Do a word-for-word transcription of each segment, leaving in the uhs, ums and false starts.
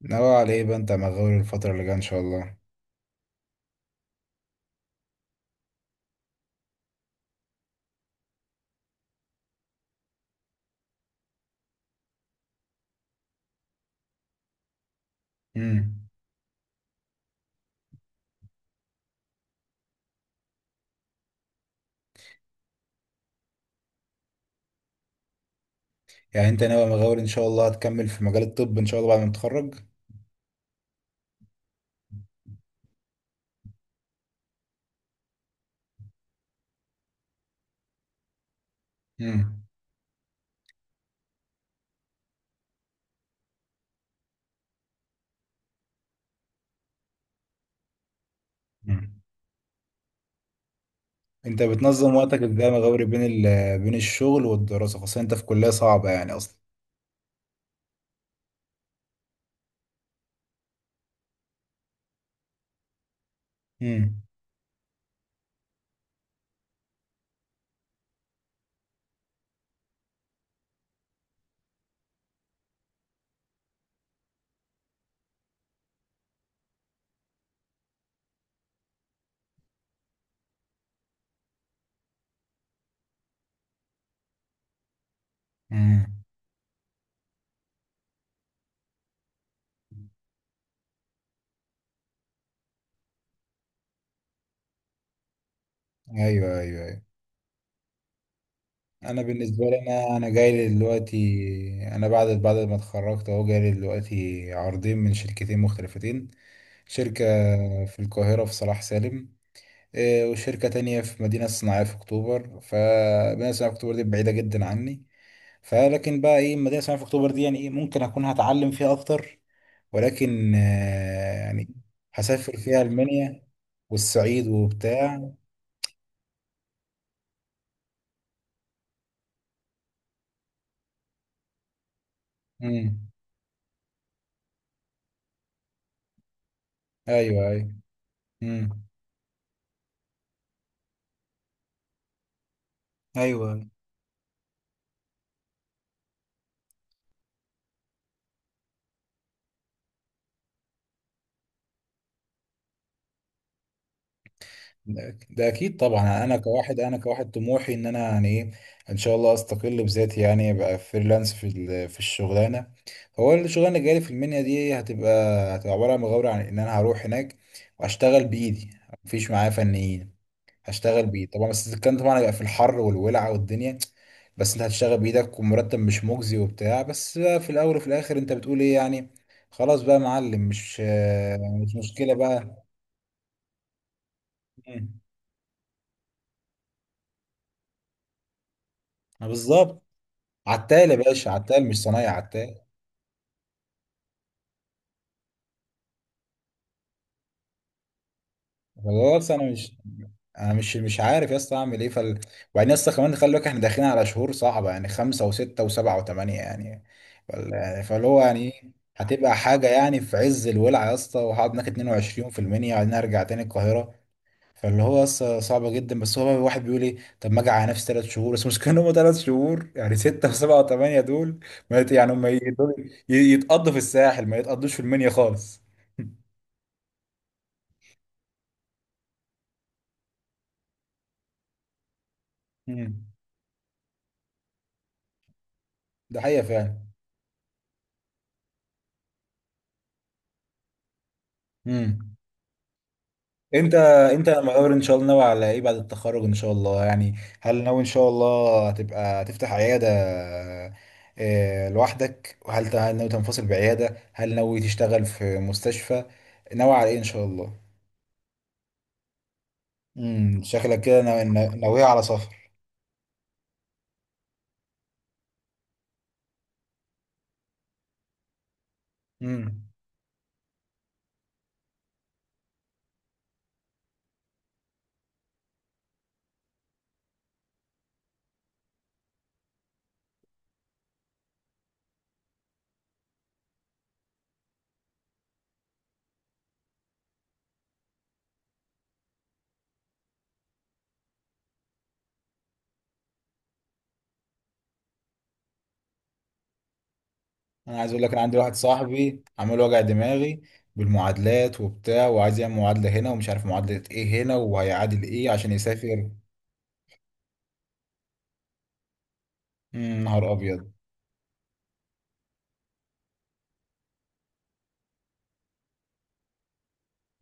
ناوي على ايه بقى انت يا مغاور الفترة اللي جاية ان شاء الله. امم يعني انت ناوي يا مغاور ان شاء الله هتكمل في مجال الطب ان شاء الله بعد ما تتخرج. امم امم انت بتنظم وقتك ازاي يا مغاور بين ال... آه، بين الشغل والدراسة خاصة انت في كلية صعبة يعني اصلا. امم امم ايوه ايوه ايوه. انا بالنسبة لي انا انا جاي لي دلوقتي. انا بعد بعد ما اتخرجت اهو جاي لي دلوقتي عرضين من شركتين مختلفتين. شركة في القاهرة في صلاح سالم، إيه، وشركة تانية في مدينة صناعية في أكتوبر، فمدينة صناعية في أكتوبر دي بعيدة جدا عني. فلكن بقى إيه، المدينة صناعية في أكتوبر دي يعني إيه، ممكن أكون هتعلم فيها أكتر، ولكن آه، يعني هسافر فيها ألمانيا والصعيد وبتاع. مم. أيوه أيوه. مم. أيوه. ده ده اكيد طبعا، انا كواحد، انا كواحد طموحي ان انا يعني ايه، ان شاء الله استقل بذاتي يعني ابقى فريلانس في ال- في الشغلانه. هو الشغلانه اللي جالي في المنيا دي هتبقى، هتبقى عباره عن مغامره، عن ان انا هروح هناك واشتغل بايدي. مفيش معايا فنيين، هشتغل بايدي طبعا، بس الكلام طبعا هيبقى في الحر والولع والدنيا. بس انت هتشتغل بايدك ومرتب مش مجزي وبتاع، بس بقى في الاول وفي الاخر انت بتقول ايه يعني. خلاص بقى يا معلم، مش مش مشكله بقى. مم. بالظبط. عتال يا باشا، عتال مش صنايعي، عتال. خلاص انا مش، انا مش مش عارف يا اسطى اعمل ايه فال. وبعدين يا اسطى كمان خلي بالك احنا داخلين على شهور صعبه، يعني خمسه وسته وسبعه وثمانيه يعني. فال- فاللي هو يعني إيه، هتبقى حاجه يعني في عز الولع يا اسطى، وهقعد هناك اتنين وعشرين في المنيا، وبعدين ارجع تاني القاهره. فاللي هو لسه صعبه جدا، بس هو الواحد بيقول ايه، طب ما اجي على نفسي ثلاث شهور بس، مش كانوا هم ثلاث شهور يعني، سته وسبعه وثمانيه دول. ما يت- يعني هم يت- يتقضوا في الساحل ما يتقضوش في المنيا خالص. امم. ده حقيقة فعلا. امم. انت انت مقرر ان شاء الله، ناوي على ايه بعد التخرج ان شاء الله يعني؟ هل ناوي ان شاء الله هتبقى تفتح عيادة، آه، لوحدك؟ وهل ت- هل ناوي تنفصل بعيادة؟ هل ناوي تشتغل في مستشفى؟ ناوي على ايه ان شاء الله؟ امم، شكلك كده ناوي- نا- ناوية على سفر. امم. انا عايز اقول لك، انا عندي واحد صاحبي عمال وجع دماغي بالمعادلات وبتاع، وعايز يعمل معادلة هنا، ومش عارف معادلة ايه هنا وهيعادل ايه عشان يسافر. مم، نهار ابيض.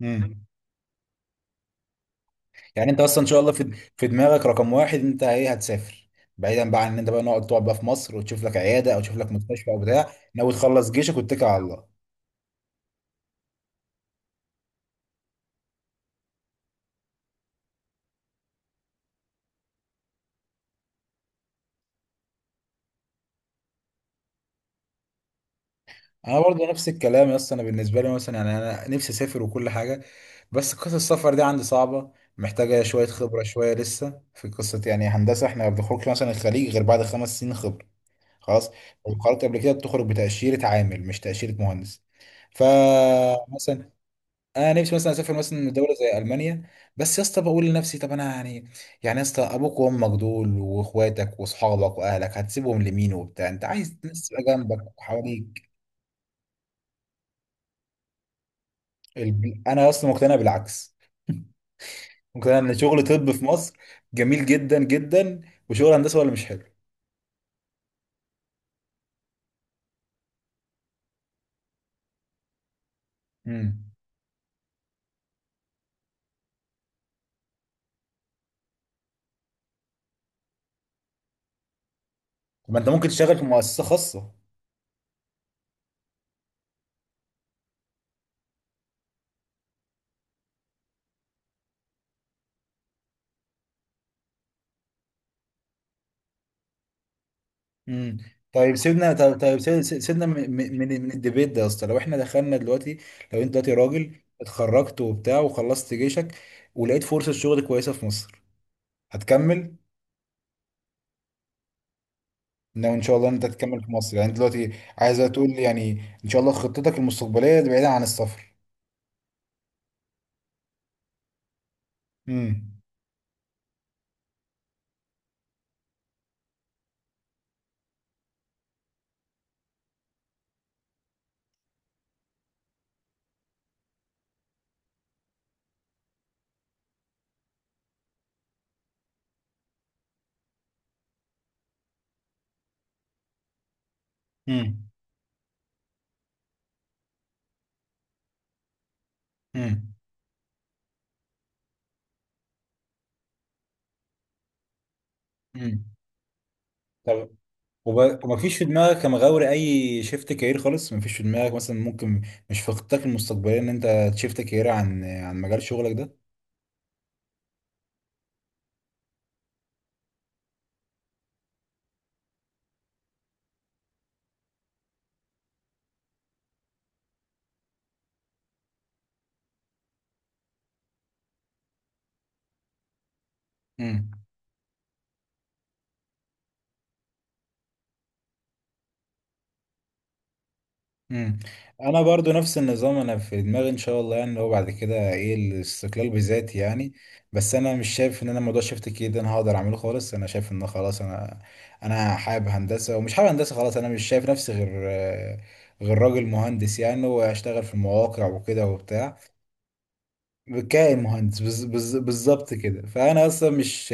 مم. يعني انت اصلا ان شاء الله في، في دماغك رقم واحد انت ايه، هتسافر، بعيدا بقى عن ان انت بقى نقعد تقعد بقى في مصر وتشوف لك عياده او تشوف لك مستشفى او بتاع، ناوي تخلص جيشك واتكل على الله؟ انا برضه نفس الكلام يا اسطى، انا بالنسبه لي مثلا يعني انا نفسي اسافر وكل حاجه، بس قصه السفر دي عندي صعبه. محتاجه شويه خبره، شويه لسه في قصه يعني هندسه، احنا ما بنخرجش مثلا الخليج غير بعد خمس سنين خبره، خلاص. لو خرجت قبل كده بتخرج بتاشيره عامل، مش تاشيره مهندس. فمثلا انا نفسي مثلا اسافر مثلا دوله زي المانيا، بس يا اسطى بقول لنفسي طب انا يعني، يعني يا اسطى ابوك وامك دول واخواتك واصحابك واهلك هتسيبهم لمين وبتاع، انت عايز ناس تبقى جنبك وحواليك. الب- انا يا اسطى مقتنع بالعكس، مقتنع ان شغل طب في مصر جميل جدا جدا، وشغل هندسه ولا مش حلو. امم. طب ما انت ممكن تشتغل في مؤسسه خاصه. امم. طيب سيبنا، طيب طيب، سيب- سيب- سيبنا من من من الديبيت ده يا اسطى. لو احنا دخلنا دلوقتي، لو انت دلوقتي راجل اتخرجت وبتاع وخلصت جيشك ولقيت فرصة شغل كويسة في مصر، هتكمل؟ لو ان شاء الله انت هتكمل في مصر يعني دلوقتي، عايز تقول لي يعني ان شاء الله خطتك المستقبلية بعيدة عن السفر؟ امم امم امم امم طب وب- ومفيش في دماغك يا مغاوري اي شيفت كارير خالص؟ مفيش في دماغك مثلا ممكن، مش في خطتك المستقبلية ان انت تشيفت كارير عن، عن مجال شغلك ده؟ مم. انا برضو نفس النظام، انا في دماغي ان شاء الله يعني اللي هو بعد كده ايه، الاستقلال بذاتي يعني. بس انا مش شايف ان انا موضوع شفت كي ده انا هقدر اعمله خالص. انا شايف ان خلاص انا، انا حابب هندسه ومش حابب هندسه خلاص، انا مش شايف نفسي غير آه، غير راجل مهندس يعني، واشتغل في المواقع وكده وبتاع. كائن مهندس، بز- بز- بالظبط كده. فانا اصلا مش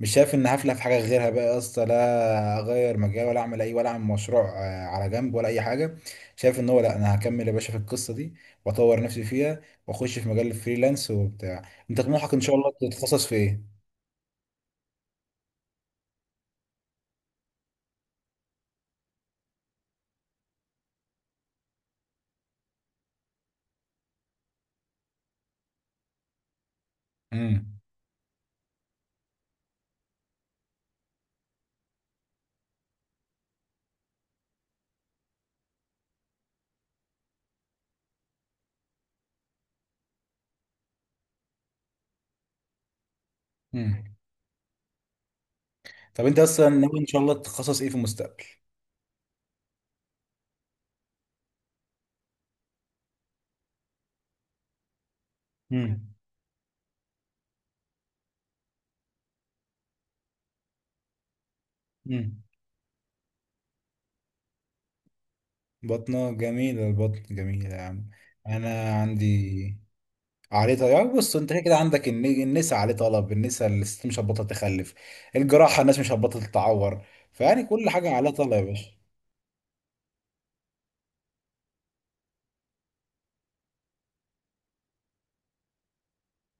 مش شايف ان هفلح في حاجه غيرها بقى اصلا، لا اغير مجال ولا اعمل اي، ولا اعمل مشروع آه، على جنب ولا اي حاجه. شايف ان هو لا، انا هكمل يا باشا في القصه دي واطور نفسي فيها واخش في مجال الفريلانس وبتاع. انت طموحك ان شاء الله تتخصص في ايه؟ امم امم طب انت اصلا ناوي ان شاء الله تتخصص ايه في المستقبل؟ امم امم بطنه جميله، البطن جميله يا عم. انا عندي، عليه طلب، يعني بص انت كده كده عندك الن- النساء عليه طلب، النساء الست مش هتبطل تخلف، الجراحة الناس مش هتبطل تتعور، فيعني كل حاجة عليها طلب يا باشا.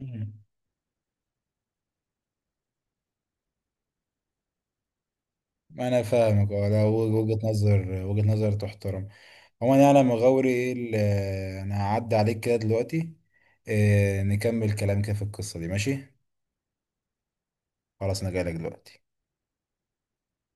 مم. انا فاهمك، اه، ده وجهة نظر، وجهة نظر تحترم. عموما يعني انا مغاوري ايه ال- انا هعدي عليك كده دلوقتي، اه، نكمل كلام كده في القصة دي، ماشي. خلاص انا جايلك دلوقتي.